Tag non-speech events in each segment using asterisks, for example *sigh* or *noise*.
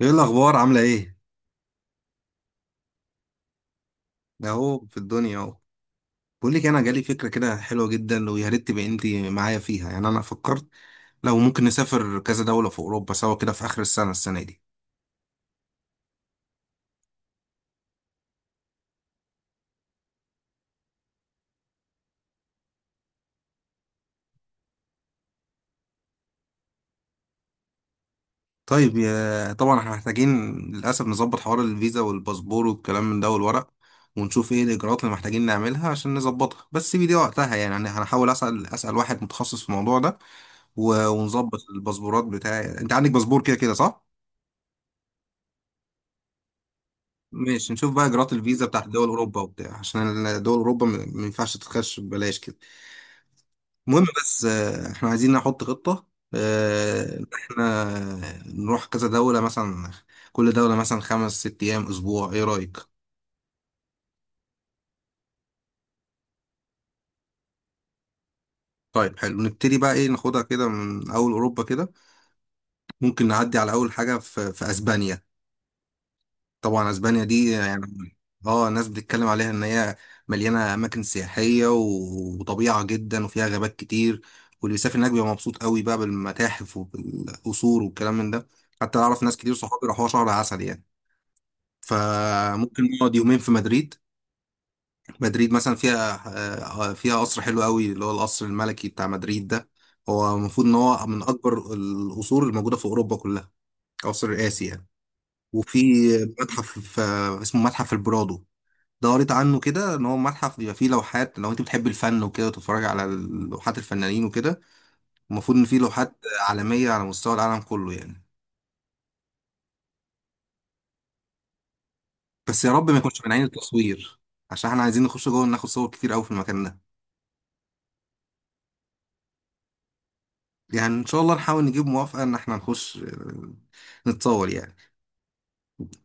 ايه الاخبار؟ عامله ايه؟ ده اهو في الدنيا اهو. بقول لك، انا جالي فكره كده حلوه جدا، ويا ريت تبقي انت معايا فيها. يعني انا فكرت لو ممكن نسافر كذا دوله في اوروبا سوا كده في اخر السنه دي. طيب، يا طبعا احنا محتاجين للاسف نظبط حوار الفيزا والباسبور والكلام من ده والورق، ونشوف ايه الاجراءات اللي محتاجين نعملها عشان نظبطها. بس سيبي دي وقتها، يعني انا هنحاول اسال واحد متخصص في الموضوع ده. ونظبط الباسبورات بتاعي. انت عندك باسبور كده كده، صح؟ ماشي، نشوف بقى اجراءات الفيزا بتاعت دول اوروبا وبتاع، عشان دول اوروبا ما ينفعش تخش ببلاش كده. المهم، بس احنا عايزين نحط خطة، ان احنا نروح كذا دولة مثلا. كل دولة مثلا 5 6 ايام، اسبوع، ايه رأيك؟ طيب حلو. نبتدي بقى ايه؟ ناخدها كده من اول اوروبا كده. ممكن نعدي على اول حاجة في اسبانيا. طبعا اسبانيا دي يعني اه، الناس بتتكلم عليها ان هي مليانه اماكن سياحيه وطبيعه جدا، وفيها غابات كتير. واللي بيسافر هناك بيبقى مبسوط قوي بقى بالمتاحف وبالقصور والكلام من ده. حتى اعرف ناس كتير صحابي راحوا شهر عسل يعني. فممكن نقعد يومين في مدريد. مدريد مثلا فيها فيها قصر حلو قوي، اللي هو القصر الملكي بتاع مدريد ده. هو المفروض ان هو من اكبر القصور الموجوده في اوروبا كلها. قصر رئاسي يعني. وفي متحف اسمه متحف البرادو. دورت عنه كده، ان هو متحف بيبقى فيه لوحات. لو انت بتحب الفن وكده وتتفرج على لوحات الفنانين وكده، المفروض ان فيه لوحات عالميه على مستوى العالم كله يعني. بس يا رب ما يكونش من عين التصوير، عشان احنا عايزين نخش جوه ناخد صور كتير قوي في المكان ده. يعني ان شاء الله نحاول نجيب موافقه ان احنا نخش نتصور يعني.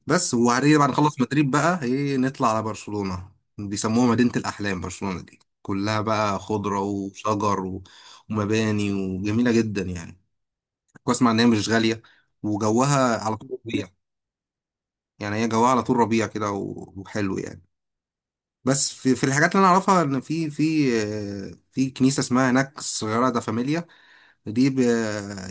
بس وبعدين بعد ما نخلص مدريد بقى ايه، نطلع على برشلونه. بيسموها مدينه الاحلام. برشلونه دي كلها بقى خضره وشجر ومباني، وجميله جدا يعني. واسمع ان هي مش غاليه، وجوها على طول ربيع. يعني هي جوها على طول ربيع كده، وحلو يعني. بس في الحاجات اللي انا اعرفها، ان في كنيسه اسمها هناك الصغيره دا فاميليا. دي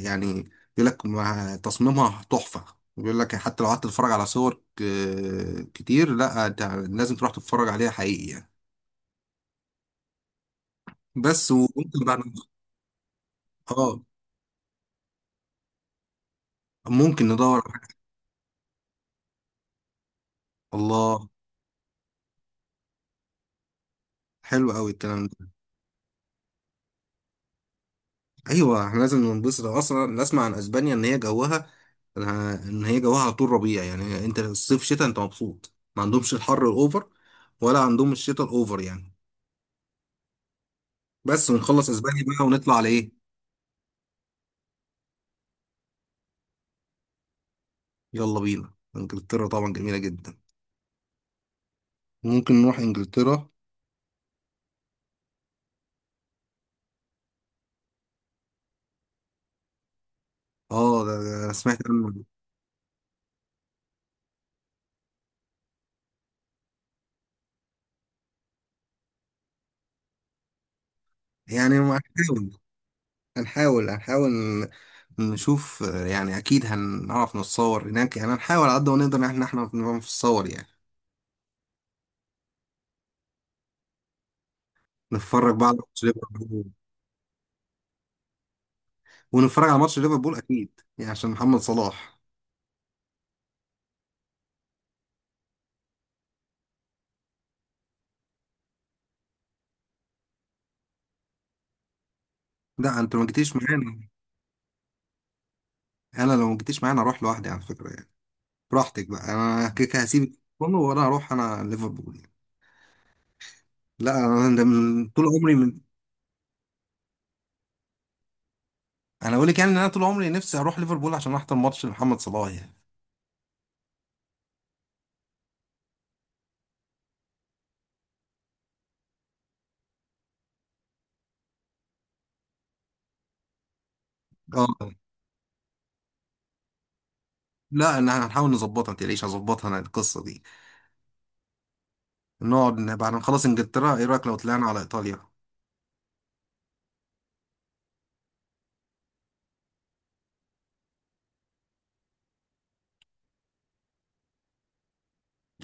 يعني بيقول لك مع تصميمها تحفه. بيقول لك حتى لو قعدت تتفرج على صور كتير، لا انت لازم تروح تتفرج عليها حقيقي يعني. بس وممكن بعد اه ممكن ندور على حاجة. الله. حلو قوي الكلام ده. ايوه، احنا لازم ننبسط. اصلا نسمع عن اسبانيا ان هي جوها على طول ربيع. يعني انت الصيف شتاء انت مبسوط، ما عندهمش الحر الاوفر ولا عندهم الشتاء الاوفر يعني. بس ونخلص اسبانيا بقى ونطلع على ايه؟ يلا بينا انجلترا، طبعا جميله جدا. ممكن نروح انجلترا. اه ده انا سمعت عنه. يعني ما هنحاول نشوف. يعني اكيد هنعرف نتصور هناك يعني، هنحاول على قد ما نقدر ان احنا نعرف نتصور يعني. نتفرج بقى على الماتش، ونتفرج على ماتش ليفربول اكيد يعني، عشان محمد صلاح. لا، انت لو ما جيتيش معانا انا لو ما جيتيش معانا اروح لوحدي على فكره يعني. براحتك بقى، انا كده كده هسيبك كله، وانا هروح انا ليفربول يعني. لا، انا ده من طول عمري من. انا اقول لك يعني، ان انا طول عمري نفسي اروح ليفربول عشان احضر ماتش لمحمد صلاح يعني. اه. لا، انا هنحاول نظبطها، ما تقلقيش هظبطها انا القصه دي. نقعد بعد ما نخلص انجلترا، ايه رايك لو طلعنا على ايطاليا؟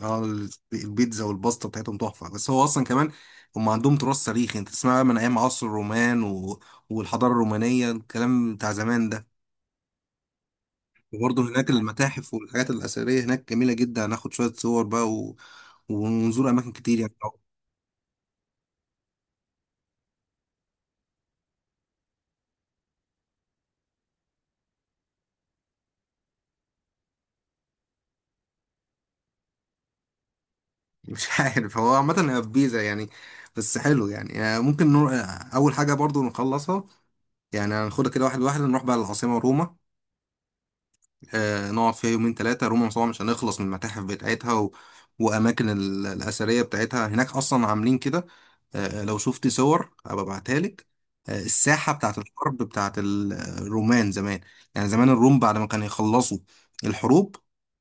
اه، البيتزا والباستا بتاعتهم تحفه، بس هو اصلا كمان هم عندهم تراث تاريخي. انت تسمع بقى من ايام عصر الرومان والحضاره الرومانيه الكلام بتاع زمان ده. وبرضه هناك المتاحف والحاجات الاثريه هناك جميله جدا. هناخد شويه صور بقى. ونزور اماكن كتير يعني *laughs* مش عارف، هو عامه هي في بيزا يعني. بس حلو يعني ممكن نروح. اول حاجه برضه نخلصها. يعني هناخدها كده واحد واحد، نروح بقى للعاصمه روما. نقعد فيها يومين ثلاثة. روما مصر مش هنخلص من المتاحف بتاعتها. وأماكن الأثرية بتاعتها هناك أصلا عاملين كده. لو شفت صور هبقى ابعتها لك. الساحة بتاعت الحرب بتاعت الرومان زمان. يعني زمان الروم، بعد ما كانوا يخلصوا الحروب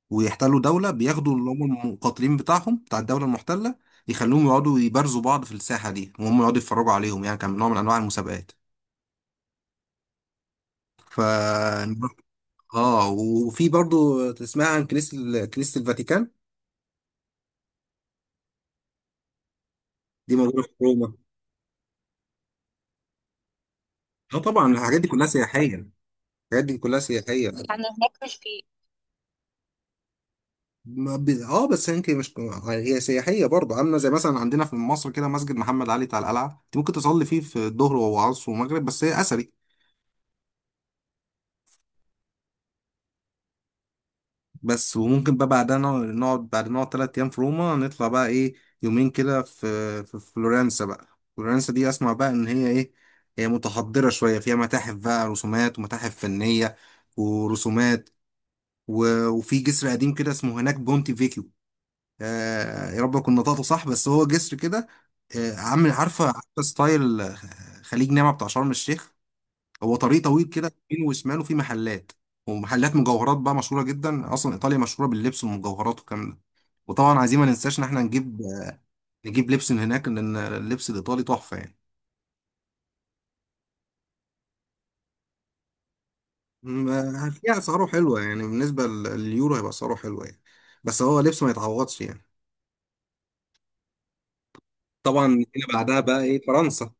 ويحتلوا دولة، بياخدوا اللي هم المقاتلين بتاعهم بتاع الدولة المحتلة، يخلوهم يقعدوا يبارزوا بعض في الساحة دي، وهم يقعدوا يتفرجوا عليهم. يعني كان نوع من أنواع المسابقات. ف اه وفي برضو تسمع عن كنيسة كنيسة الفاتيكان. دي موجودة في روما. اه طبعا، الحاجات دي كلها سياحية. الحاجات دي كلها سياحية، بس انا هناك مش في. ما ب... اه بس يمكن مش، هي سياحية برضو. عاملة زي مثلا عندنا في مصر كده، مسجد محمد علي بتاع القلعة، انت ممكن تصلي فيه في الظهر وعصر ومغرب، بس هي أثري. بس وممكن بقى بعدها بعد ما نقعد 3 أيام في روما، نطلع بقى إيه، يومين كده في فلورنسا بقى. فلورنسا دي أسمع بقى إن هي إيه، هي متحضرة شوية، فيها متاحف بقى، رسومات ومتاحف فنية ورسومات، وفي جسر قديم كده اسمه هناك بونتي فيكيو. آه يا رب أكون نطقته صح. بس هو جسر كده آه، عامل عارفة ستايل، خليج نعمة بتاع شرم الشيخ. هو طريق طويل كده يمين وشماله في محلات، ومحلات مجوهرات بقى مشهوره جدا. اصلا ايطاليا مشهوره باللبس والمجوهرات والكلام ده. وطبعا عايزين ما ننساش ان احنا نجيب لبس من هناك، لان اللبس الايطالي تحفه يعني. فيها اسعاره حلوه يعني، بالنسبه لليورو هيبقى اسعاره حلوه يعني. بس هو لبس ما يتعوضش يعني. طبعا هنا بعدها بقى ايه، فرنسا.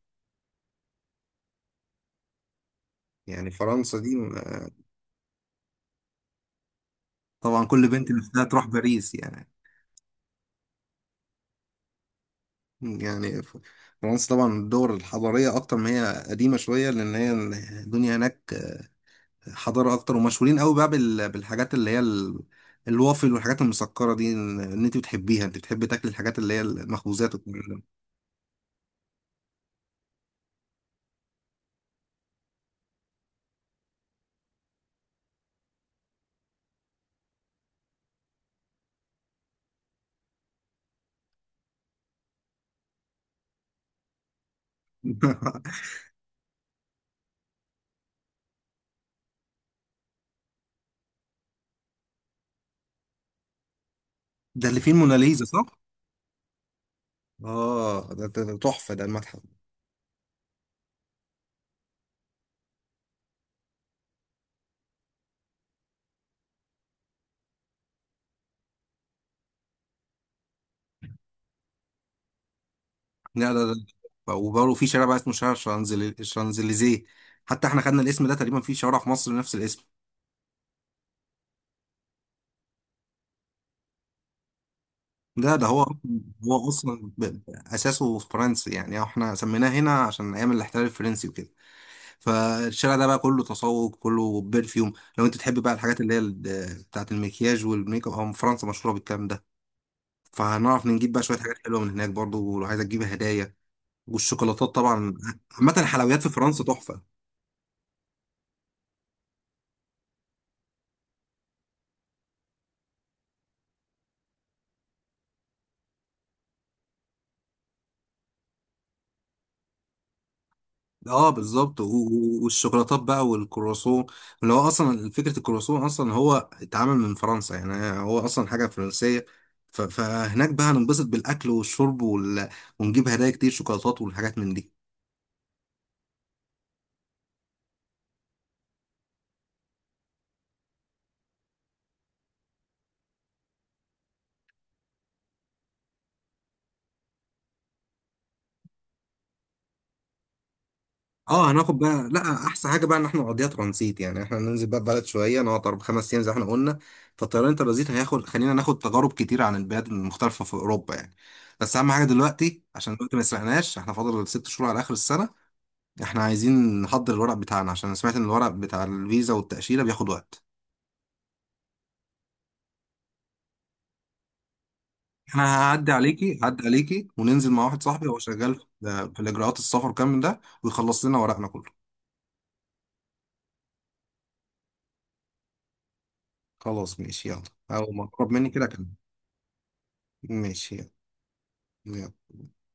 يعني فرنسا دي، طبعا كل بنت نفسها تروح باريس يعني. يعني فرنسا طبعا الدول الحضاريه اكتر، ما هي قديمه شويه، لان هي الدنيا هناك حضارة أكتر. ومشهورين قوي بقى بالحاجات اللي هي الوافل والحاجات المسكرة دي. إن أنت بتحبيها، أنت بتحبي تاكلي الحاجات اللي هي المخبوزات والكلام ده *laughs* ده اللي فيه الموناليزا صح؟ آه ده تحفة ده المتحف. لا لا لا، وبرضه في شارع بقى اسمه شارع شانزليزيه. حتى احنا خدنا الاسم ده تقريبا في شوارع في مصر نفس الاسم. ده هو اصلا اساسه فرنسي يعني. احنا سميناه هنا عشان ايام الاحتلال الفرنسي وكده. فالشارع ده بقى كله تسوق، كله برفيوم. لو انت تحب بقى الحاجات اللي هي بتاعة المكياج والميك اب، هم فرنسا مشهورة بالكلام ده. فهنعرف نجيب بقى شوية حاجات حلوة من هناك برضو، لو عايزة تجيب هدايا. والشوكولاتات طبعا. عامة الحلويات في فرنسا تحفة. اه بالظبط، والشوكولاتات بقى والكرواسون، اللي هو اصلا فكرة الكرواسون اصلا هو اتعمل من فرنسا يعني. هو اصلا حاجة فرنسية. فهناك بقى هننبسط بالاكل والشرب. ونجيب هدايا كتير، شوكولاتات والحاجات من دي. اه هناخد بقى، لا احسن حاجه بقى ان احنا نقضيها ترانزيت. يعني احنا ننزل بقى بلد شويه، نقعد 4 5 ايام زي ما احنا قلنا. فالطيران الترانزيت هياخد، خلينا ناخد تجارب كتير عن البلاد المختلفه في اوروبا يعني. بس اهم حاجه دلوقتي، عشان دلوقتي ما سرقناش، احنا فاضل 6 شهور على اخر السنه. احنا عايزين نحضر الورق بتاعنا عشان أنا سمعت ان الورق بتاع الفيزا والتاشيره بياخد وقت. انا هعدي عليكي وننزل مع واحد صاحبي، هو شغال في الاجراءات السفر كامل ده، ويخلص لنا ورقنا كله. خلاص ماشي يلا. اول ما اقرب مني كده كده. ماشي يلا.